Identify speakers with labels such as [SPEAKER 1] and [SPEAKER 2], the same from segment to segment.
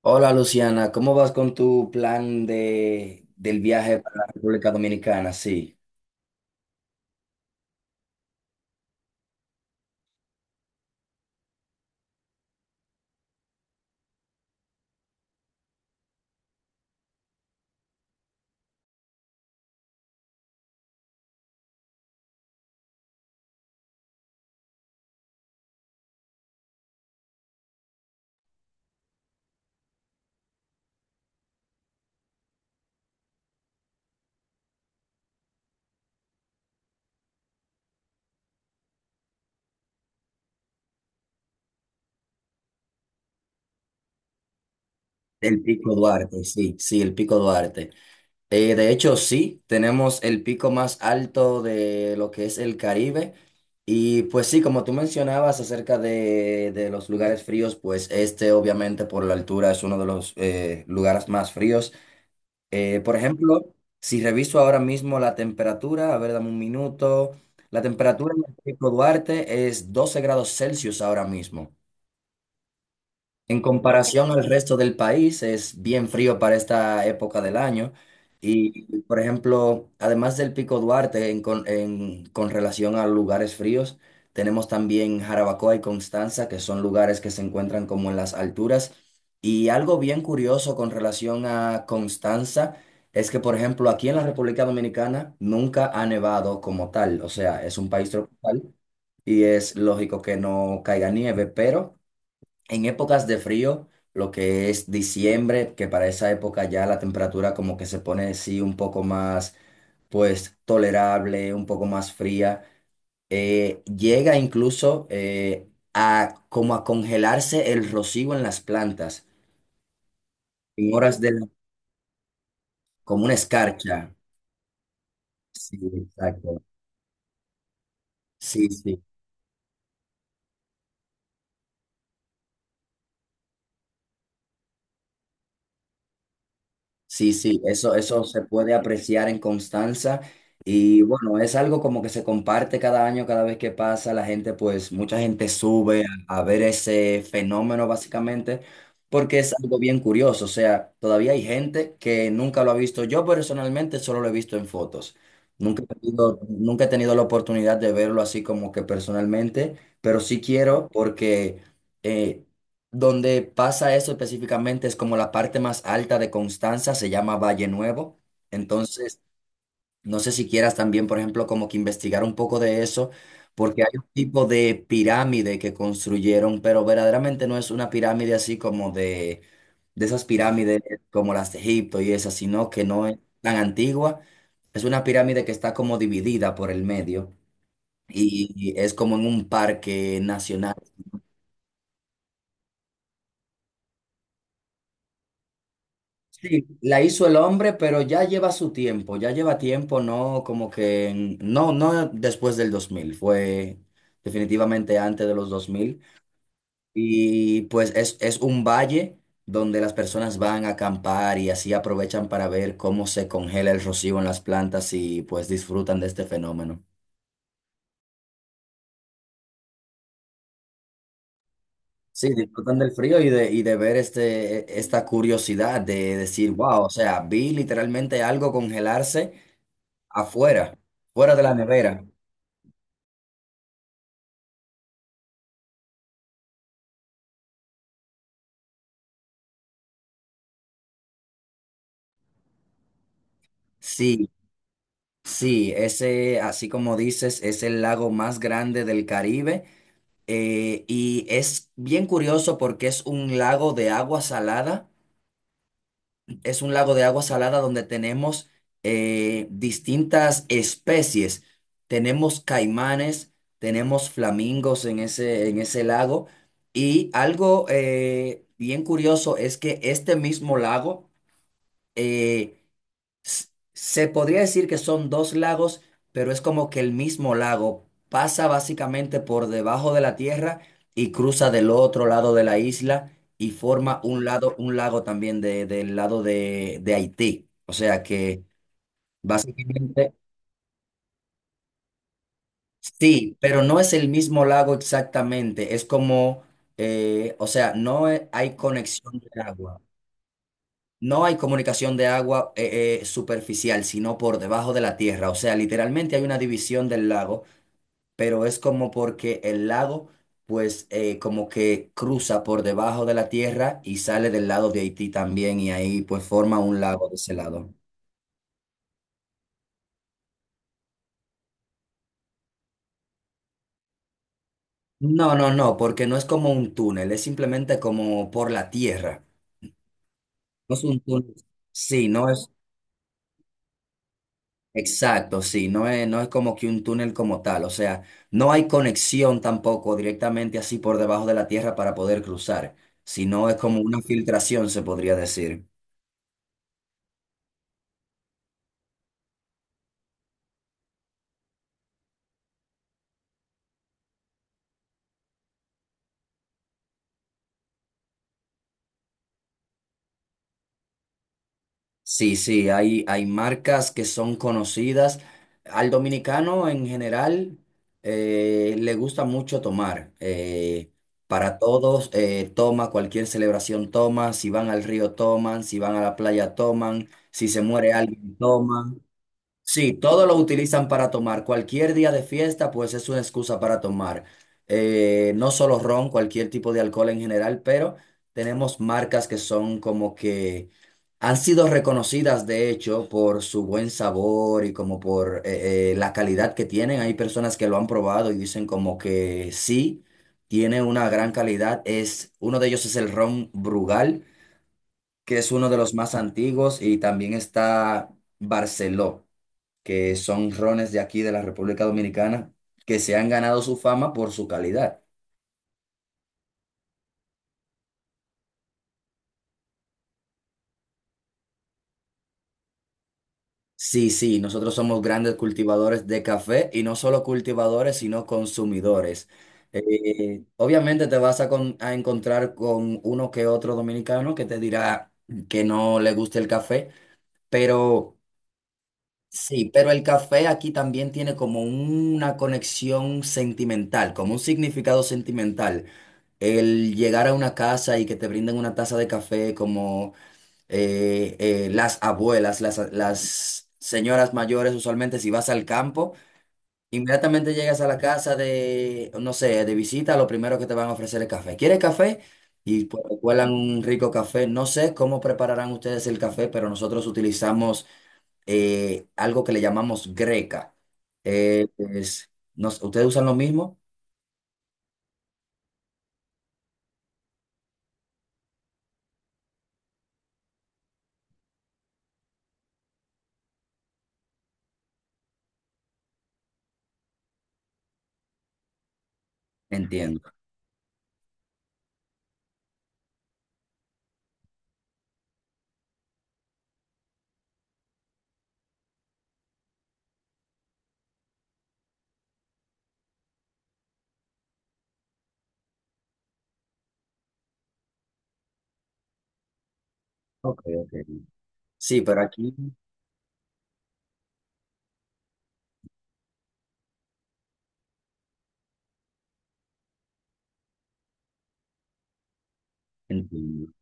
[SPEAKER 1] Hola Luciana, ¿cómo vas con tu plan del viaje para la República Dominicana? Sí, el Pico Duarte, sí, sí, el Pico Duarte. De hecho, sí, tenemos el pico más alto de lo que es el Caribe. Y pues sí, como tú mencionabas acerca de los lugares fríos, pues este obviamente por la altura es uno de los lugares más fríos. Por ejemplo, si reviso ahora mismo la temperatura, a ver, dame un minuto. La temperatura en el Pico Duarte es 12 °C ahora mismo. En comparación al resto del país, es bien frío para esta época del año. Y, por ejemplo, además del Pico Duarte, con relación a lugares fríos, tenemos también Jarabacoa y Constanza, que son lugares que se encuentran como en las alturas. Y algo bien curioso con relación a Constanza es que, por ejemplo, aquí en la República Dominicana nunca ha nevado como tal. O sea, es un país tropical y es lógico que no caiga nieve, pero en épocas de frío, lo que es diciembre, que para esa época ya la temperatura como que se pone sí un poco más, pues, tolerable, un poco más fría, llega incluso a como a congelarse el rocío en las plantas, en horas de la- como una escarcha. Sí, exacto. Sí, sí. Sí, sí, eso se puede apreciar en Constanza y bueno, es algo como que se comparte cada año, cada vez que pasa, la gente pues, mucha gente sube a ver ese fenómeno básicamente porque es algo bien curioso, o sea, todavía hay gente que nunca lo ha visto, yo personalmente solo lo he visto en fotos, nunca he tenido la oportunidad de verlo así como que personalmente, pero sí quiero porque eh, donde pasa eso específicamente es como la parte más alta de Constanza, se llama Valle Nuevo. Entonces, no sé si quieras también, por ejemplo, como que investigar un poco de eso, porque hay un tipo de pirámide que construyeron, pero verdaderamente no es una pirámide así como de esas pirámides como las de Egipto y esas, sino que no es tan antigua. Es una pirámide que está como dividida por el medio y es como en un parque nacional. Sí, la hizo el hombre, pero ya lleva su tiempo, ya lleva tiempo, no como que, en- no, no después del 2000 fue definitivamente antes de los 2000. Y pues es un valle donde las personas van a acampar y así aprovechan para ver cómo se congela el rocío en las plantas y pues disfrutan de este fenómeno. Sí, disfrutan del frío y de ver esta curiosidad de decir, wow, o sea, vi literalmente algo congelarse afuera, fuera de la nevera. Sí, sí, ese, así como dices, es el lago más grande del Caribe, y es bien curioso porque es un lago de agua salada, es un lago de agua salada donde tenemos distintas especies. Tenemos caimanes, tenemos flamingos en ese lago y algo bien curioso es que este mismo lago eh, se podría decir que son dos lagos, pero es como que el mismo lago pasa básicamente por debajo de la tierra y cruza del otro lado de la isla y forma un lado, un lago también del lado de Haití. O sea que básicamente sí, pero no es el mismo lago exactamente. Es como, o sea, no e- hay conexión de agua. No hay comunicación de agua superficial, sino por debajo de la tierra. O sea, literalmente hay una división del lago, pero es como porque el lago, pues, como que cruza por debajo de la tierra y sale del lado de Haití también, y ahí, pues, forma un lago de ese lado. No, no, no, porque no es como un túnel, es simplemente como por la tierra. No es un túnel. Sí, no es. Exacto, sí, no es como que un túnel como tal, o sea, no hay conexión tampoco directamente así por debajo de la tierra para poder cruzar, sino es como una filtración, se podría decir. Sí, sí, hay marcas que son conocidas. Al dominicano en general le gusta mucho tomar. Para todos toma, cualquier celebración toma, si van al río toman, si van a la playa toman, si se muere alguien toman. Sí, todo lo utilizan para tomar. Cualquier día de fiesta, pues es una excusa para tomar. No solo ron, cualquier tipo de alcohol en general, pero tenemos marcas que son como que han sido reconocidas, de hecho, por su buen sabor y como por la calidad que tienen. Hay personas que lo han probado y dicen como que sí, tiene una gran calidad. Uno de ellos es el ron Brugal, que es uno de los más antiguos y también está Barceló, que son rones de aquí de la República Dominicana, que se han ganado su fama por su calidad. Sí, sí, nosotros somos grandes cultivadores de café y no solo cultivadores, sino consumidores. Obviamente te vas a encontrar con uno que otro dominicano que te dirá que no le gusta el café, pero sí, pero el café aquí también tiene como una conexión sentimental, como un significado sentimental. El llegar a una casa y que te brinden una taza de café como las abuelas, las señoras mayores, usualmente si vas al campo, inmediatamente llegas a la casa de, no sé, de visita, lo primero que te van a ofrecer es café. ¿Quieres café? Y pues te cuelan un rico café. No sé cómo prepararán ustedes el café, pero nosotros utilizamos algo que le llamamos greca. No sé, ¿ustedes usan lo mismo? Entiendo. Ok, ok. Sí, pero aquí entiendo.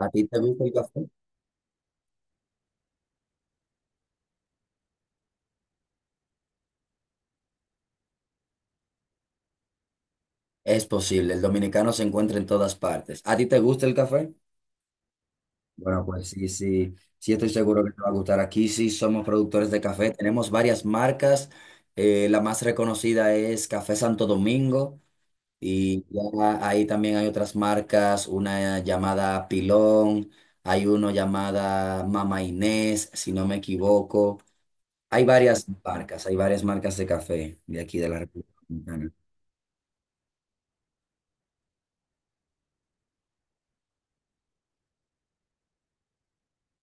[SPEAKER 1] ¿A ti te gusta el café? Es posible, el dominicano se encuentra en todas partes. ¿A ti te gusta el café? Bueno, pues sí, sí, sí estoy seguro que te va a gustar. Aquí sí somos productores de café, tenemos varias marcas. La más reconocida es Café Santo Domingo. Y ya ahí también hay otras marcas, una llamada Pilón, hay uno llamada Mama Inés, si no me equivoco. Hay varias marcas de café de aquí de la República Dominicana.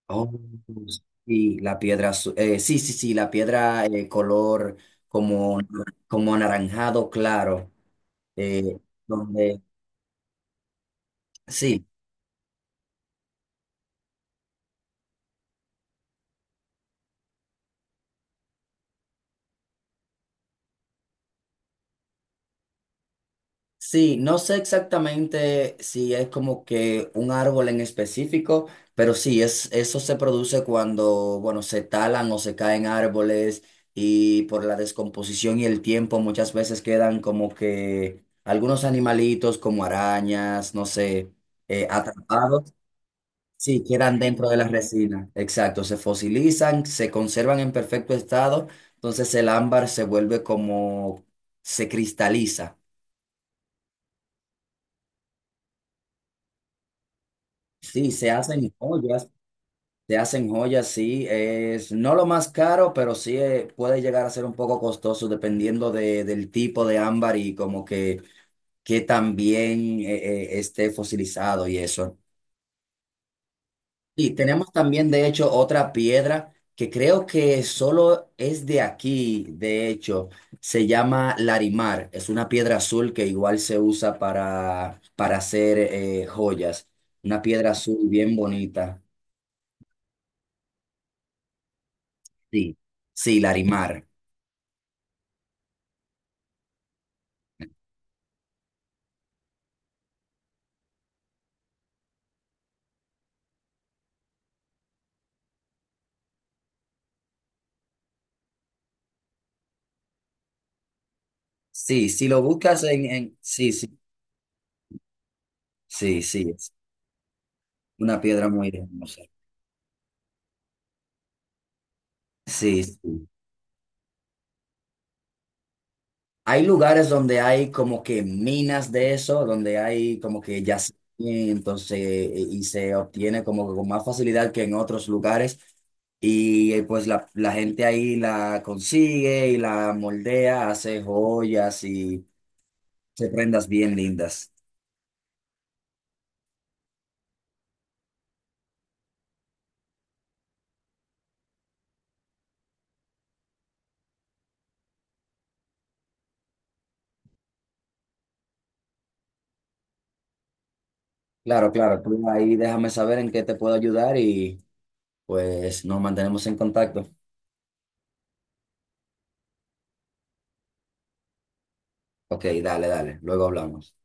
[SPEAKER 1] Oh, sí, la piedra azul, sí, sí, sí, la piedra color como, como anaranjado claro, eh, donde, sí. Sí, no sé exactamente si es como que un árbol en específico, pero sí, es, eso se produce cuando, bueno, se talan o se caen árboles y por la descomposición y el tiempo muchas veces quedan como que algunos animalitos como arañas, no sé, atrapados, sí, quedan dentro de la resina. Exacto, se fosilizan, se conservan en perfecto estado, entonces el ámbar se vuelve como, se cristaliza. Sí, se hacen joyas, sí, es no lo más caro, pero sí puede llegar a ser un poco costoso dependiendo del tipo de ámbar y como que también esté fosilizado y eso. Y tenemos también, de hecho, otra piedra que creo que solo es de aquí, de hecho, se llama Larimar, es una piedra azul que igual se usa para hacer joyas, una piedra azul bien bonita. Sí, sí, Larimar. Sí, si lo buscas en... Sí, sí, sí, sí, es una piedra muy hermosa. Sí, sí. Hay lugares donde hay como que minas de eso, donde hay como que yacimientos y se obtiene como que con más facilidad que en otros lugares. Y pues la gente ahí la consigue y la moldea, hace joyas y se prendas bien lindas. Claro, claro, tú ahí déjame saber en qué te puedo ayudar y... pues nos mantenemos en contacto. Ok, dale, dale. Luego hablamos.